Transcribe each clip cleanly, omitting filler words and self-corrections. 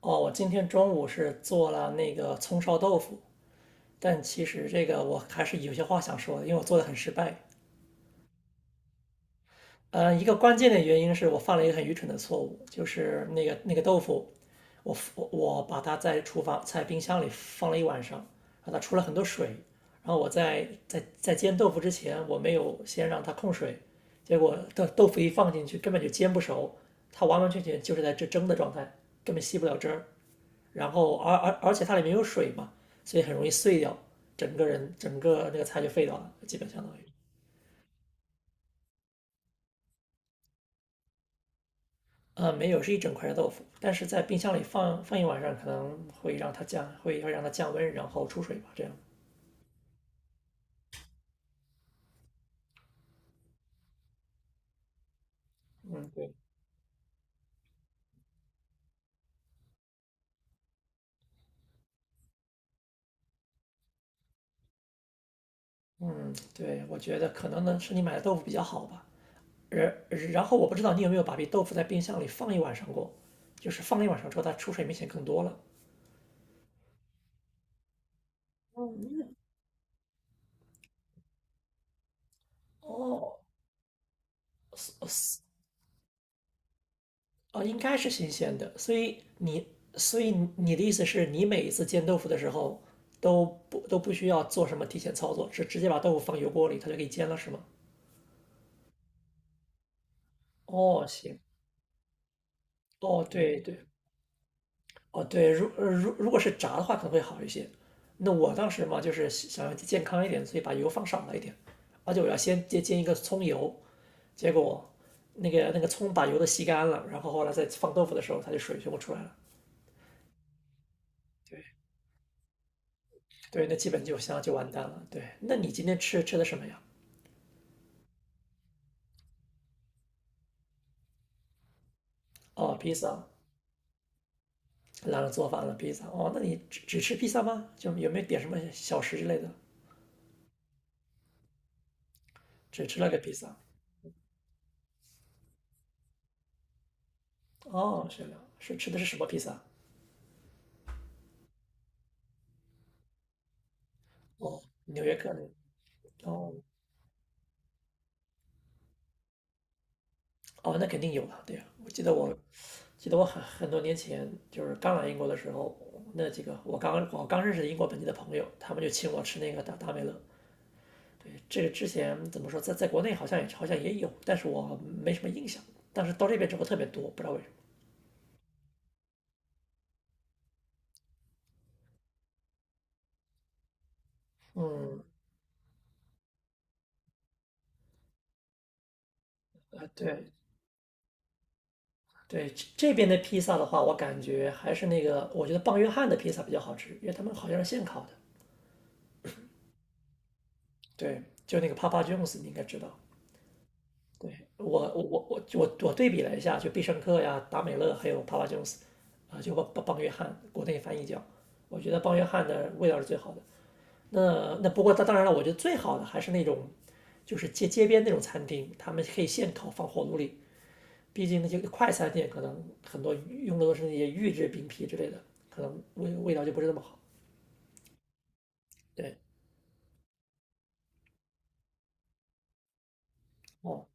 哦，我今天中午是做了那个葱烧豆腐，但其实这个我还是有些话想说的，因为我做的很失败。一个关键的原因是我犯了一个很愚蠢的错误，就是那个豆腐，我把它在厨房在冰箱里放了一晚上，然后它出了很多水，然后我在煎豆腐之前，我没有先让它控水，结果豆腐一放进去根本就煎不熟，它完完全全就是在这蒸的状态，根本吸不了汁儿。然后而且它里面有水嘛，所以很容易碎掉，整个那个菜就废掉了，基本相当于。没有，是一整块的豆腐，但是在冰箱里放一晚上，可能会让它降温，然后出水吧，这样。嗯，对，我觉得可能呢是你买的豆腐比较好吧。然然后我不知道你有没有把这豆腐在冰箱里放一晚上过，就是放一晚上之后它出水明显更多了。哦，哦，应该是新鲜的，所以你，所以的意思是你每一次煎豆腐的时候都不需要做什么提前操作，是直接把豆腐放油锅里，它就给你煎了，是吗？哦，行，哦，对对，哦对，如果是炸的话可能会好一些。那我当时嘛，就是想要健康一点，所以把油放少了一点，而且我要先煎煎一个葱油，结果那个葱把油都吸干了，然后后来再放豆腐的时候，它就水全部出来了。对。对，那基本就相当就完蛋了。对，那你今天吃的什么呀？哦，披萨，懒得做饭了，披萨。哦，那你只吃披萨吗？就有没有点什么小食之类的？只吃了个披萨。哦，是的，是吃的是什么披萨？哦，纽约客的。哦哦，那肯定有了。对呀，我记得我很多年前就是刚来英国的时候，那几个我刚认识的英国本地的朋友，他们就请我吃那个达美乐。这个之前怎么说，在国内好像也有，但是我没什么印象。但是到这边之后特别多，不知道为什么。啊，对对，这边的披萨的话，我感觉还是那个，我觉得棒约翰的披萨比较好吃，因为他们好像是现烤的。对，就那个 Papa John's,你应该知道。对，我对比了一下，就必胜客呀、达美乐还有 Papa John's,啊、就棒约翰，国内翻译叫，我觉得棒约翰的味道是最好的。那不过当然了，我觉得最好的还是那种，就是街边那种餐厅，他们可以现烤放火炉里。毕竟那些快餐店可能很多用的都是那些预制饼皮之类的，可能味道就不是那么好。对，哦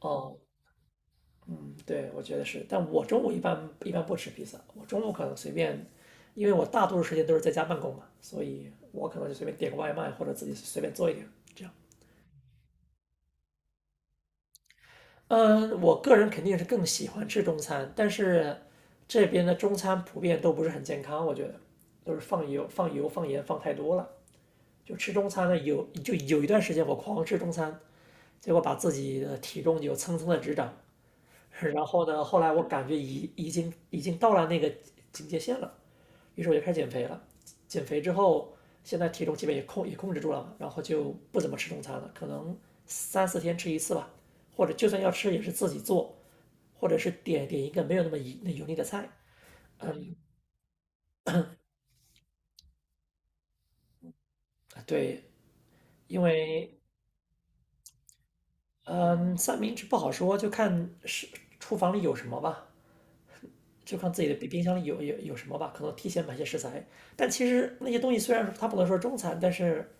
哦，嗯，对，我觉得是。但我中午一般不吃披萨，我中午可能随便，因为我大多数时间都是在家办公嘛，所以我可能就随便点个外卖或者自己随便做一点这样。嗯，我个人肯定是更喜欢吃中餐，但是这边的中餐普遍都不是很健康，我觉得都是放油、放盐放太多了。就吃中餐呢，有一段时间我狂吃中餐，结果把自己的体重就蹭蹭的直涨。然后呢，后来我感觉已经到了那个警戒线了，于是我就开始减肥了。减肥之后，现在体重基本也控制住了嘛，然后就不怎么吃中餐了，可能三四天吃一次吧，或者就算要吃也是自己做，或者是点一个没有那么油腻的菜。嗯，对，因为嗯三明治不好说，就看是厨房里有什么吧。就看自己的冰箱里有什么吧，可能提前买些食材。但其实那些东西虽然说它不能说中餐，但是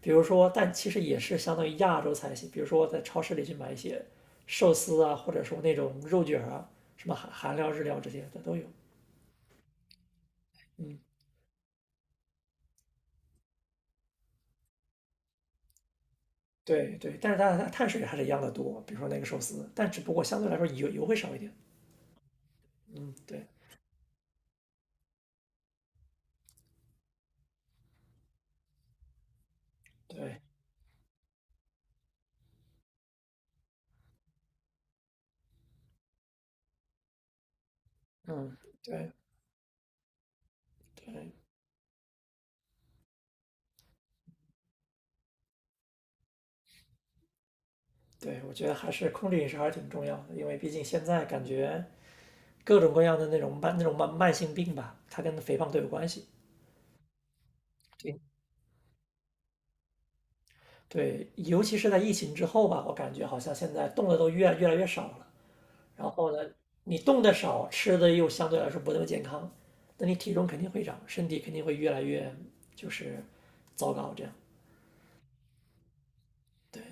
比如说，但其实也是相当于亚洲菜系。比如说在超市里去买一些寿司啊，或者说那种肉卷儿啊，什么韩料、日料这些的都有。嗯，对对，但是它碳水还是一样的多，比如说那个寿司，但只不过相对来说油会少一点。嗯，对对，嗯对对对，我觉得还是控制饮食还是挺重要的，因为毕竟现在感觉。各种各样的那种慢性病吧，它跟肥胖都有关系。对对尤其是在疫情之后吧，我感觉好像现在动的都越来越少了。然后呢，你动的少，吃的又相对来说不那么健康，那你体重肯定会长，身体肯定会越来越就是糟糕这样。对，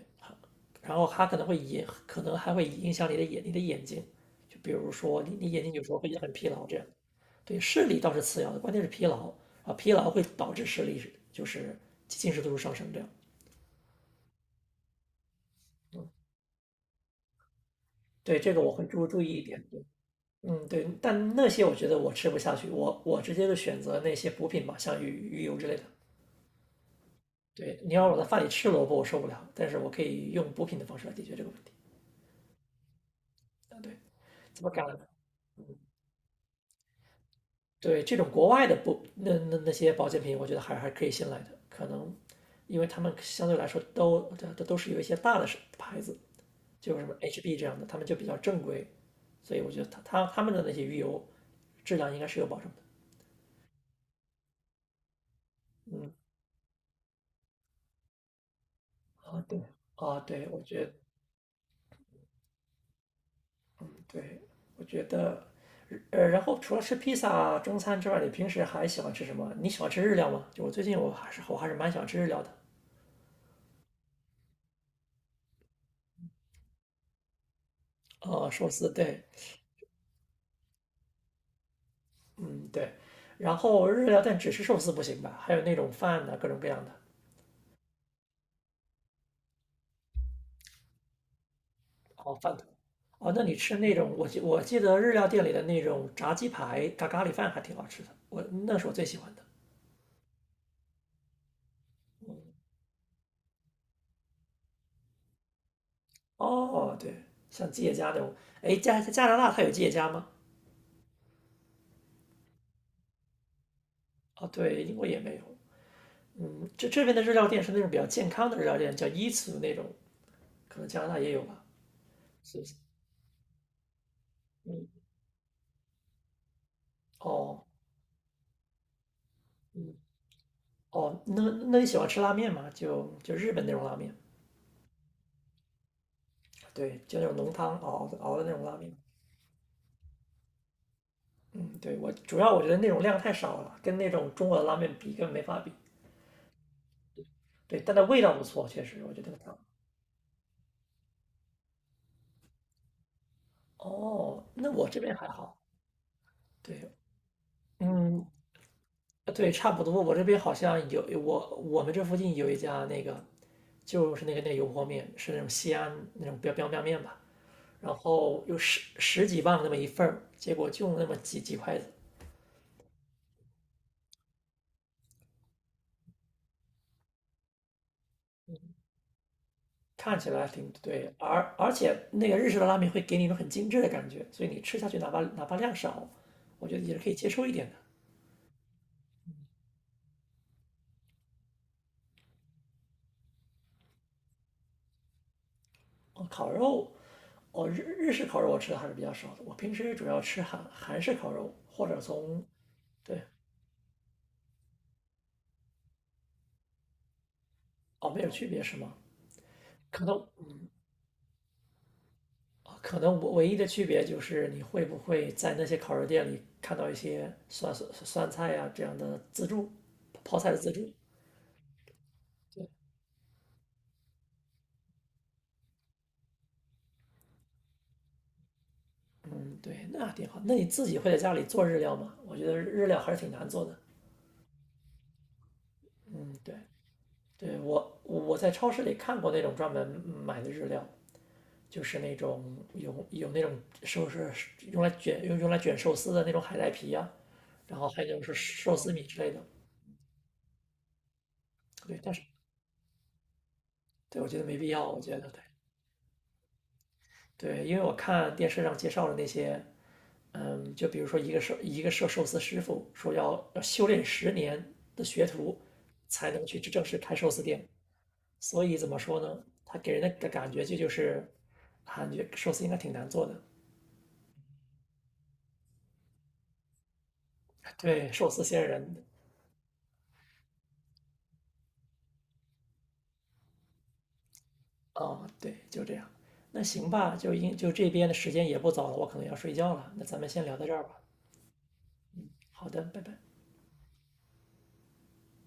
然后它可能还会影响你的眼睛，就比如说你眼睛有时候会很疲劳这样。对，视力倒是次要的，关键是疲劳啊，疲劳会导致视力就是近视度数上升这样。对，这个我会注意一点。对嗯，对，但那些我觉得我吃不下去，我直接就选择那些补品吧，像鱼油之类的。对，你要我在饭里吃萝卜，我受不了，但是我可以用补品的方式来解决这个问题。啊，对，怎么改呢？对，这种国外的补那那那些保健品，我觉得还可以信赖的，可能因为他们相对来说都是有一些大的是牌子，就是什么 HB 这样的，他们就比较正规，所以我觉得他们的那些鱼油质量应该是有保证的。嗯，啊对，啊对，我觉得对，我觉得呃，然后除了吃披萨中餐之外，你平时还喜欢吃什么？你喜欢吃日料吗？就我最近我还是蛮喜欢吃日料的。寿司对，嗯对，然后日料但只吃寿司不行吧？还有那种饭的各种各样的。哦，饭哦，那你吃那种，我记得日料店里的那种炸鸡排炸咖喱饭还挺好吃的，我那是我最喜欢的。哦，对，像吉野家那种，哎，加拿大它有吉野家吗？哦，对，英国也没有。嗯，这边的日料店是那种比较健康的日料店，叫伊茨那种，可能加拿大也有吧，是不是？嗯，哦，嗯，哦，那你喜欢吃拉面吗？就日本那种拉面，对，就那种浓汤熬的那种拉面。嗯，对，我主要我觉得那种量太少了，跟那种中国的拉面比根本没法比。对，但它味道不错，确实，我觉得它。哦，那我这边还好。对，嗯，对，差不多。我这边好像有我们这附近有一家那个，就是那个油泼面，是那种西安那种标面吧，然后有十几磅那么一份儿，结果就那么几筷子，看起来挺对，而且那个日式的拉面会给你一种很精致的感觉，所以你吃下去哪怕量少，我觉得也是可以接受一点的。哦，烤肉，哦日式烤肉我吃的还是比较少的，我平时主要吃韩式烤肉，或者从，对，哦，没有区别是吗？可能可能我唯一的区别就是你会不会在那些烤肉店里看到一些酸菜呀、这样的自助，泡菜的自助。嗯，对，那挺好。那你自己会在家里做日料吗？我觉得日料还是挺难做的。嗯，对，对，我在超市里看过那种专门买的日料，就是那种有那种寿司用来卷寿司的那种海带皮呀、然后还有就是寿司米之类的。对，但是对我觉得没必要，我觉得对对，因为我看电视上介绍的那些，嗯，就比如说一个寿司师傅说要修炼10年的学徒才能去正式开寿司店，所以怎么说呢？他给人的感觉就是。感觉寿司应该挺难做的，对，寿司仙人，哦，对，就这样。那行吧，就这边的时间也不早了，我可能要睡觉了。那咱们先聊到这儿吧。好的，拜拜。